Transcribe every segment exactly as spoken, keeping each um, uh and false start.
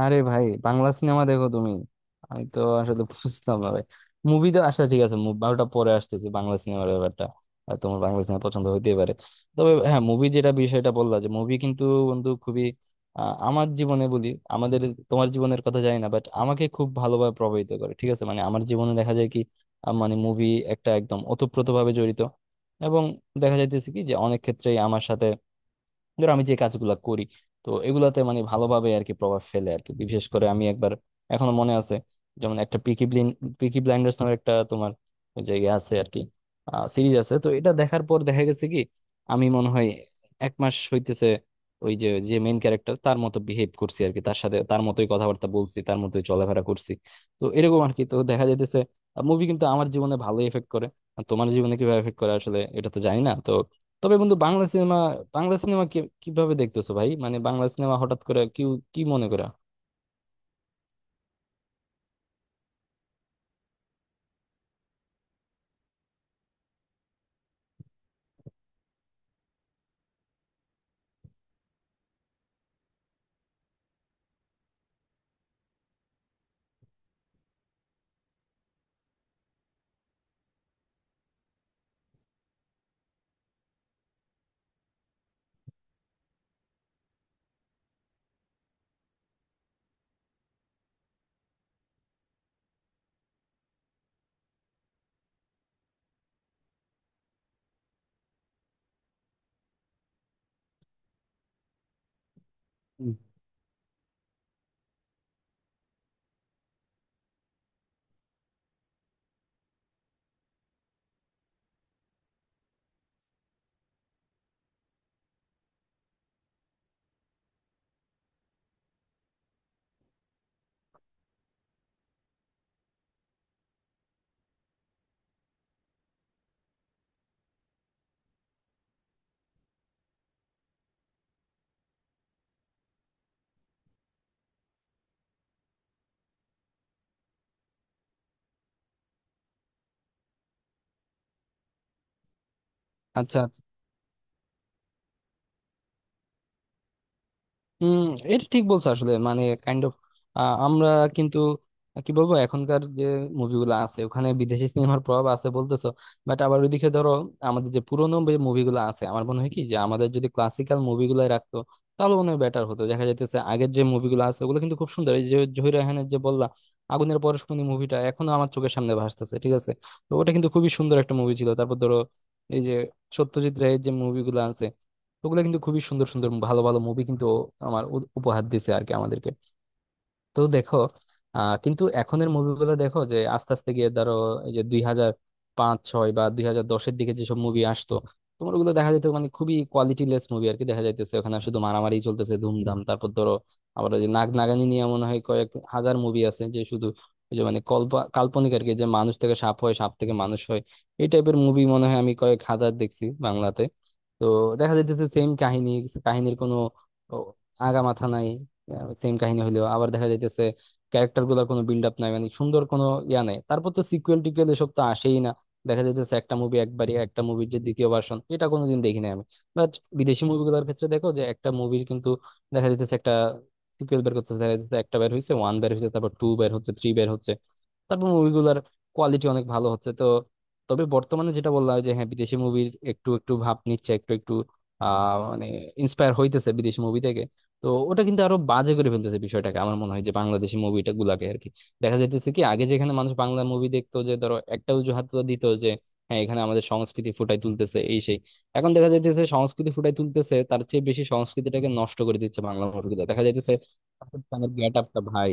আরে ভাই, বাংলা সিনেমা দেখো তুমি? আমি তো আসলে বুঝতাম না, ভাই। মুভি তো, আচ্ছা ঠিক আছে, মুভি ওটা পরে আসতেছে, বাংলা সিনেমার ব্যাপারটা। আর তোমার বাংলা সিনেমা পছন্দ হইতেই পারে। তবে হ্যাঁ, মুভি যেটা বিষয়টা বললা, যে মুভি কিন্তু বন্ধু, খুবই আহ, আমার জীবনে বলি আমাদের, তোমার জীবনের কথা জানি না, বাট আমাকে খুব ভালোভাবে প্রভাবিত করে, ঠিক আছে। মানে আমার জীবনে দেখা যায় কি, আহ, মানে মুভি একটা একদম ওতপ্রোতভাবে জড়িত। এবং দেখা যাইতেছে কি যে অনেক ক্ষেত্রেই আমার সাথে, ধরো আমি যে কাজগুলা করি, তো এগুলাতে মানে ভালোভাবে আর কি প্রভাব ফেলে আর কি। বিশেষ করে আমি একবার, এখনো মনে আছে, যেমন একটা পিকি ব্লিন পিকি ব্লাইন্ডার্স নামের একটা তোমার ওই যে ইয়ে আছে আর কি, সিরিজ আছে, তো এটা দেখার পর দেখা গেছে কি আমি মনে হয় এক মাস হইতেছে ওই যে, যে মেইন ক্যারেক্টার, তার মতো বিহেভ করছি আর কি, তার সাথে তার মতোই কথাবার্তা বলছি, তার মতোই চলাফেরা করছি। তো এরকম আর কি, তো দেখা যাইতেছে মুভি কিন্তু আমার জীবনে ভালো এফেক্ট করে। আর তোমার জীবনে কিভাবে এফেক্ট করে আসলে এটা তো জানি না তো। তবে বন্ধু, বাংলা সিনেমা, বাংলা সিনেমা কিভাবে দেখতেছো ভাই? মানে বাংলা সিনেমা হঠাৎ করে কি, কি মনে করা? আচ্ছা। হুম। এটা ঠিক বলছো আসলে, মানে কাইন্ড অফ আমরা কিন্তু কি বলবো, এখনকার যে মুভিগুলো আছে ওখানে বিদেশি সিনেমার প্রভাব আছে বলতেছো। বাট আবার ওইদিকে ধরো, আমাদের যে পুরোনো যে মুভিগুলো আছে, আমার মনে হয় কি যে আমাদের যদি ক্লাসিক্যাল মুভিগুলো রাখতো তাহলে মনে হয় বেটার হতো। দেখা যাইতেছে আগের যে মুভিগুলো আছে ওগুলো কিন্তু খুব সুন্দর। এই যে জহির রায়হানের যে বললা, আগুনের পরশমণি মুভিটা এখনো আমার চোখের সামনে ভাসতেছে, ঠিক আছে। তো ওটা কিন্তু খুবই সুন্দর একটা মুভি ছিল। তারপর ধরো এই যে সত্যজিৎ রায়ের যে মুভিগুলো আছে, ওগুলো কিন্তু খুবই সুন্দর সুন্দর ভালো ভালো মুভি কিন্তু আমার উ- উপহার দিছে আর কি আমাদেরকে। তো দেখো, আহ কিন্তু এখনের মুভিগুলো দেখো যে আস্তে আস্তে গিয়ে ধরো এই যে দুই হাজার পাঁচ ছয় বা দুই হাজার দশের দিকে যেসব মুভি আসতো, তোমার ওগুলো দেখা যেত মানে খুবই কোয়ালিটিলেস মুভি আর কি। দেখা যাইতেছে ওখানে শুধু মারামারি চলতেছে, ধুমধাম। তারপর ধরো আবার ওই যে নাগ নাগানি নিয়ে মনে হয় কয়েক হাজার মুভি আছে, যে শুধু ওই যে মানে কল্প কাল্পনিক আর কি, যে মানুষ থেকে সাপ হয়, সাপ থেকে মানুষ হয়। এই টাইপের মুভি মনে হয় আমি কয়েক হাজার দেখছি বাংলাতে। তো দেখা যাইতেছে সেম কাহিনী, কাহিনীর কোনো ও, আগা মাথা নাই। সেম কাহিনী হইলো আবার, দেখা যাইতেছে ক্যারেক্টার গুলার কোনো বিল্ড আপ নাই, মানে সুন্দর কোনো ইয়া নাই। তারপর তো সিকুয়েল টিকুয়েল এসব তো আসেই না। দেখা যাইতেছে একটা মুভি একবারই, একটা মুভির যে দ্বিতীয় ভার্সন এটা কোনোদিন দেখি নাই আমি। বাট বিদেশি মুভিগুলোর ক্ষেত্রে দেখো যে একটা মুভির কিন্তু দেখা যাইতেছে একটা সিকুয়েল বের করতেছে। দেখা যাইতেছে একটা বের হয়েছে, ওয়ান বের হয়েছে, তারপর টু বের হচ্ছে, থ্রি বের হচ্ছে। তারপর মুভিগুলোর কোয়ালিটি অনেক ভালো হচ্ছে। তো তবে বর্তমানে যেটা বললাম যে হ্যাঁ বিদেশি মুভির একটু একটু ভাব নিচ্ছে, একটু একটু আহ মানে ইন্সপায়ার হইতেছে বিদেশি মুভি থেকে। তো ওটা কিন্তু আরো বাজে করে ফেলতেছে বিষয়টাকে, আমার মনে হয়, যে বাংলাদেশি মুভিটা গুলাকে আর কি। দেখা যাইতেছে কি আগে যেখানে মানুষ বাংলা মুভি দেখতো, যে ধরো একটা অজুহাত তো দিত যে হ্যাঁ এখানে আমাদের সংস্কৃতি ফুটাই তুলতেছে, এই সেই। এখন দেখা যাইতেছে সংস্কৃতি ফুটাই তুলতেছে তার চেয়ে বেশি সংস্কৃতিটাকে নষ্ট করে দিচ্ছে বাংলা মুভিগুলো, দেখা যাইতেছে পাকিস্তানের গেট আপটা, ভাই।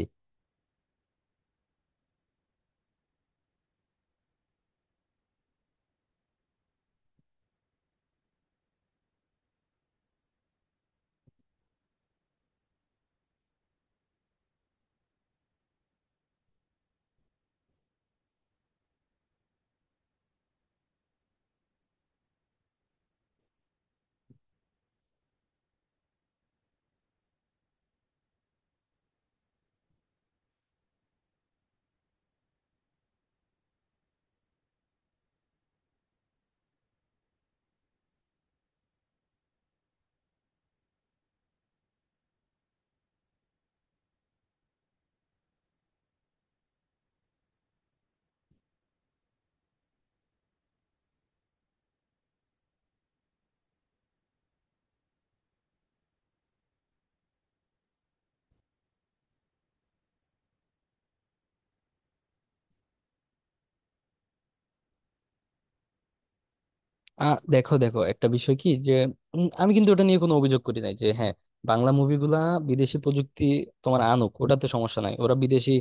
আ দেখো দেখো একটা বিষয় কি, যে উম, আমি কিন্তু ওটা নিয়ে কোনো অভিযোগ করি নাই যে হ্যাঁ, বাংলা মুভিগুলা বিদেশি প্রযুক্তি তোমার আনুক, ওটাতে সমস্যা নাই। ওরা বিদেশি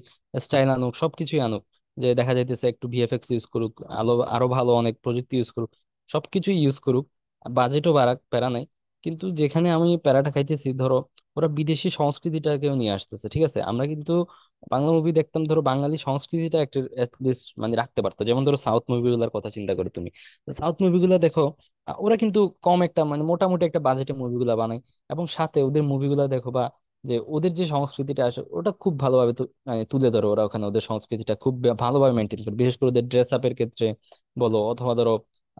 স্টাইল আনুক, সবকিছুই আনুক, যে দেখা যাইতেছে একটু ভিএফএক্স ইউজ করুক, আলো আরো ভালো অনেক প্রযুক্তি ইউজ করুক, সবকিছুই ইউজ করুক, বাজেটও বাড়াক, প্যারা নাই। কিন্তু যেখানে আমি প্যারাটা খাইতেছি, ধরো ওরা বিদেশি সংস্কৃতিটাকেও নিয়ে আসতেছে, ঠিক আছে। আমরা কিন্তু বাংলা মুভি দেখতাম, ধরো বাঙালি সংস্কৃতিটা একটা at least মানে রাখতে পারতো। যেমন ধরো সাউথ মুভিগুলোর কথা চিন্তা করো তুমি, সাউথ মুভিগুলো দেখো, আহ, ওরা কিন্তু কম একটা মানে মোটামুটি একটা বাজেটে মুভিগুলো বানায়। এবং সাথে ওদের মুভিগুলো দেখো বা যে ওদের যে সংস্কৃতিটা আসে ওটা খুব ভালোভাবে তু- মানে তুলে ধরো, ওরা ওখানে ওদের সংস্কৃতিটা খুব ভা- ভালোভাবে মেনটেন করে, বিশেষ করে ওদের ড্রেস আপের ক্ষেত্রে বলো, অথবা ধরো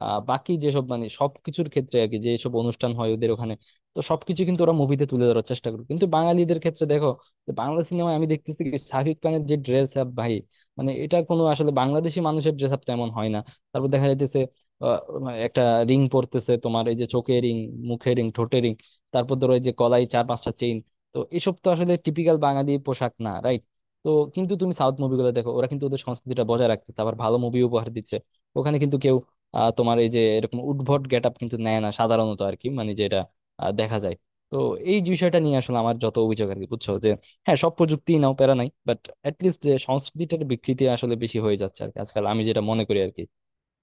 আহ বাকি যেসব মানে সবকিছুর ক্ষেত্রে আর কি, যেসব অনুষ্ঠান হয় ওদের ওখানে। তো সবকিছু কিন্তু ওরা মুভিতে তুলে ধরার চেষ্টা করে। কিন্তু বাঙালিদের ক্ষেত্রে দেখো যে বাংলা সিনেমায় আমি দেখতেছি কি শাকিব খানের যে ড্রেস আপ, ভাই, মানে এটা কোনো আসলে বাংলাদেশি মানুষের ড্রেস আপ তেমন হয় না। তারপর দেখা যাইতেছে আহ, একটা রিং পরতেছে তোমার, এই যে চোখে রিং, মুখে রিং, ঠোঁটে রিং, তারপর ধরো এই যে গলায় চার পাঁচটা চেইন। তো এসব তো আসলে টিপিক্যাল বাঙালি পোশাক না, রাইট? তো কিন্তু তুমি সাউথ মুভিগুলো দেখো, ওরা কিন্তু ওদের সংস্কৃতিটা বজায় রাখতেছে, আবার ভালো মুভি উপহার দিচ্ছে। ওখানে কিন্তু কেউ আহ, তোমার এই যে এরকম উদ্ভট গেট আপ কিন্তু নেয় না সাধারণত আর কি, মানে যেটা আহ, দেখা যায়। তো এই বিষয়টা নিয়ে আসলে আমার যত অভিযোগ আর কি, বুঝছো, যে হ্যাঁ সব প্রযুক্তি নাও, প্যারা নাই, বাট লিস্ট যে সংস্কৃতিটার বিকৃতি আসলে বেশি হয়ে যাচ্ছে আর কি আজকাল, আমি যেটা মনে করি আর কি।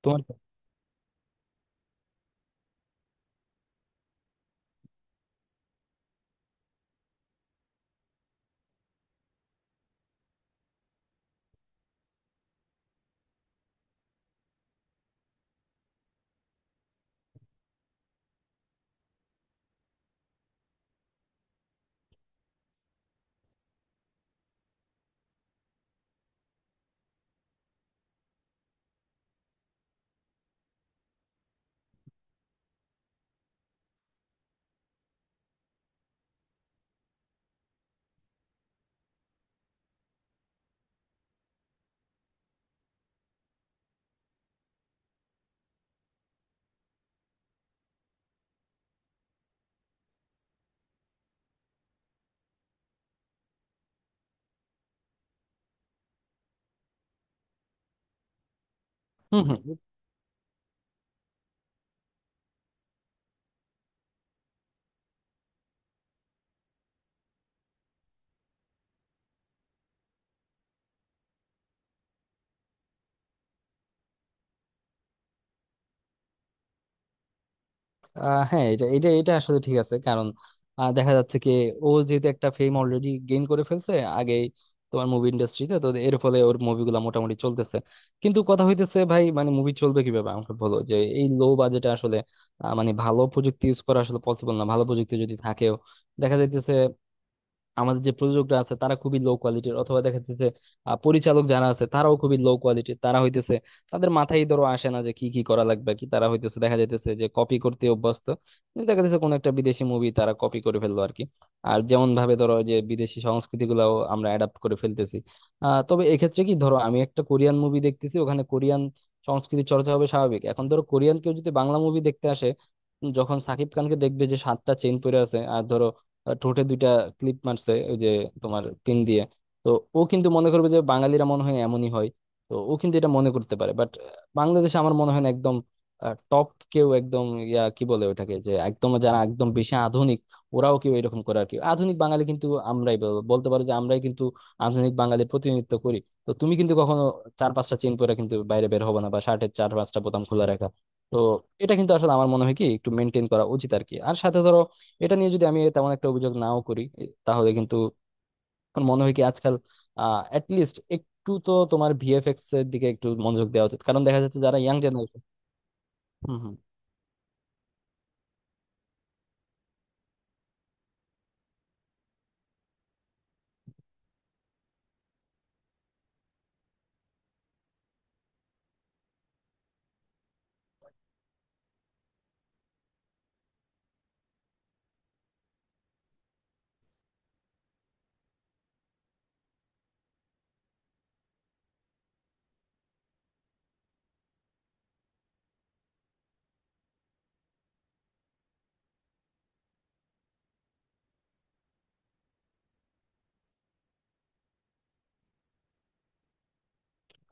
তোমার হুম হুম। আহ হ্যাঁ, এটা এটা এটা আসলে ঠিক আছে। কারণ আহ, দেখা যাচ্ছে কি ও যেহেতু একটা ফেম অলরেডি গেইন করে ফেলছে আগে তোমার মুভি ইন্ডাস্ট্রিতে, তো এর ফলে ওর মুভিগুলো মোটামুটি চলতেছে। কিন্তু কথা হইতেছে ভাই, মানে মুভি চলবে কিভাবে আমাকে বলো, যে এই লো বাজেটে আসলে আহ, মানে ভালো প্রযুক্তি ইউজ করা আসলে পসিবল না। ভালো প্রযুক্তি যদি থাকেও, দেখা যাইতেছে আমাদের যে প্রযোজকরা আছে তারা খুবই লো কোয়ালিটির, অথবা দেখা যাচ্ছে আহ, পরিচালক যারা আছে তারাও খুবই লো কোয়ালিটির। তারা হইতেছে, তাদের মাথায় ধরো আসে না যে কি কি করা লাগবে আর কি, তারা হইতেছে দেখা যাইতেছে যে কপি করতে অভ্যস্ত। কিন্তু দেখা যাচ্ছে কোনো একটা বিদেশি মুভি তারা কপি করে ফেললো আর কি। আর যেমন ভাবে ধরো যে বিদেশি সংস্কৃতি গুলাও আমরা অ্যাডাপ্ট করে ফেলতেছি। আহ তবে এক্ষেত্রে কি, ধরো আমি একটা কোরিয়ান মুভি দেখতেছি, ওখানে কোরিয়ান সংস্কৃতি চর্চা হবে স্বাভাবিক। এখন ধরো কোরিয়ান কেউ যদি বাংলা মুভি দেখতে আসে, যখন সাকিব খানকে দেখবে যে সাতটা চেইন পরে আছে, আর ধরো আহ, ঠোঁটে দুইটা ক্লিপ মারছে ওই যে তোমার পিন দিয়ে, তো ও কিন্তু মনে করবে যে বাঙালিরা মনে হয় এমনই হয়। তো ও কিন্তু এটা মনে করতে পারে, বাট বাংলাদেশে আমার মনে হয় না একদম টপ কেউ একদম ইয়া, কি বলে ওটাকে, যে একদম যারা একদম বেশি আধুনিক ওরাও কেউ এরকম করে আর কি। আধুনিক বাঙালি কিন্তু আমরাই বল- বলতে পারো যে আমরাই কিন্তু আধুনিক বাঙালির প্রতিনিধিত্ব করি। তো তুমি কিন্তু কখনো চার পাঁচটা চেন পরে কিন্তু বাইরে বের হবে না, বা শার্টের চার পাঁচটা বোতাম খোলা রাখা। তো এটা কিন্তু আসলে আমার মনে হয় কি একটু মেনটেন করা উচিত আর কি। আর সাথে ধরো এটা নিয়ে যদি আমি তেমন একটা অভিযোগ নাও করি এ, তাহলে কিন্তু আমার মনে হয় কি আজকাল আহ লিস্ট একটু তো তোমার ভিএফএক্স এর দিকে একটু মনোযোগ দেওয়া উচিত, কারণ দেখা যাচ্ছে যারা ইয়াং জেনারেশন।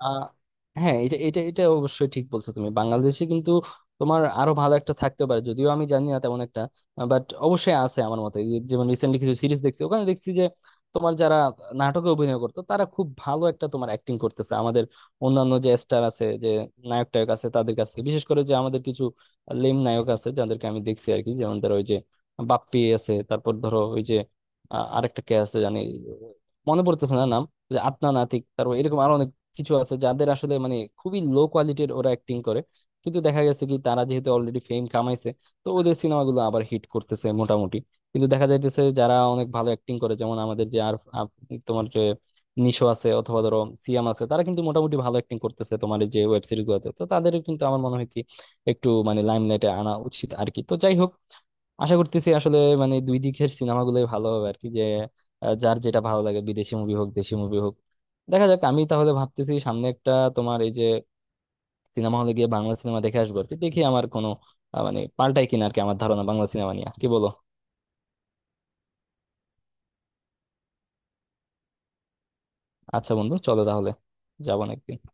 আহ হ্যাঁ, এটা এটা এটা অবশ্যই ঠিক বলছো তুমি। বাংলাদেশে কিন্তু তোমার আরো ভালো একটা থাকতে পারে, যদিও আমি জানি না তেমন একটা, বাট অবশ্যই আছে আমার মতে। এই যেমন রিসেন্টলি কিছু সিরিজ দেখছি, ওখানে দেখছি যে তোমার যারা নাটকে অভিনয় করতো তারা খুব ভালো একটা তোমার অ্যাক্টিং করতেছে। আমাদের অন্যান্য যে স্টার আছে, যে নায়ক টায়ক আছে তাদের কাছে, বিশেষ করে যে আমাদের কিছু লেম নায়ক আছে যাদেরকে আমি দেখছি আর কি, যেমন ধরো ওই যে বাপ্পি আছে, তারপর ধরো ওই যে আহ, আরেকটা কে আছে জানি, মনে পড়তেছে না নাম, ওই যে আদনান আতিক, তারপর এরকম আরো কিছু আছে যাদের আসলে মানে খুবই লো কোয়ালিটির ওরা অ্যাক্টিং করে। কিন্তু দেখা গেছে কি তারা যেহেতু অলরেডি ফেম কামাইছে, তো ওদের সিনেমাগুলো আবার হিট করতেছে মোটামুটি। কিন্তু দেখা যাইতেছে যারা অনেক ভালো অ্যাক্টিং করে যেমন আমাদের যে আর আর তোমার যে নিশো আছে অথবা ধরো সিয়াম আছে, তারা কিন্তু মোটামুটি ভালো অ্যাক্টিং করতেছে তোমার এই যে ওয়েব সিরিজ গুলোতে। তো তাদের কিন্তু আমার মনে হয় কি একটু মানে লাইমলাইটে আনা উচিত আর কি। তো যাই হোক, আশা করতেছি আসলে মানে দুই দিকের সিনেমাগুলোই ভালো হবে আর কি, যে আহ, যার যেটা ভালো লাগে, বিদেশি মুভি হোক, দেশি মুভি হোক, দেখা যাক। আমি তাহলে ভাবতেছি সামনে একটা তোমার এই যে সিনেমা হলে গিয়ে বাংলা সিনেমা দেখে আসবো আর কি, দেখি আমার কোনো আহ, মানে পাল্টাই কিনা আর কি আমার ধারণা বাংলা সিনেমা নিয়ে, কি বলো? আচ্ছা বন্ধু, চলো তাহলে, যাবো না।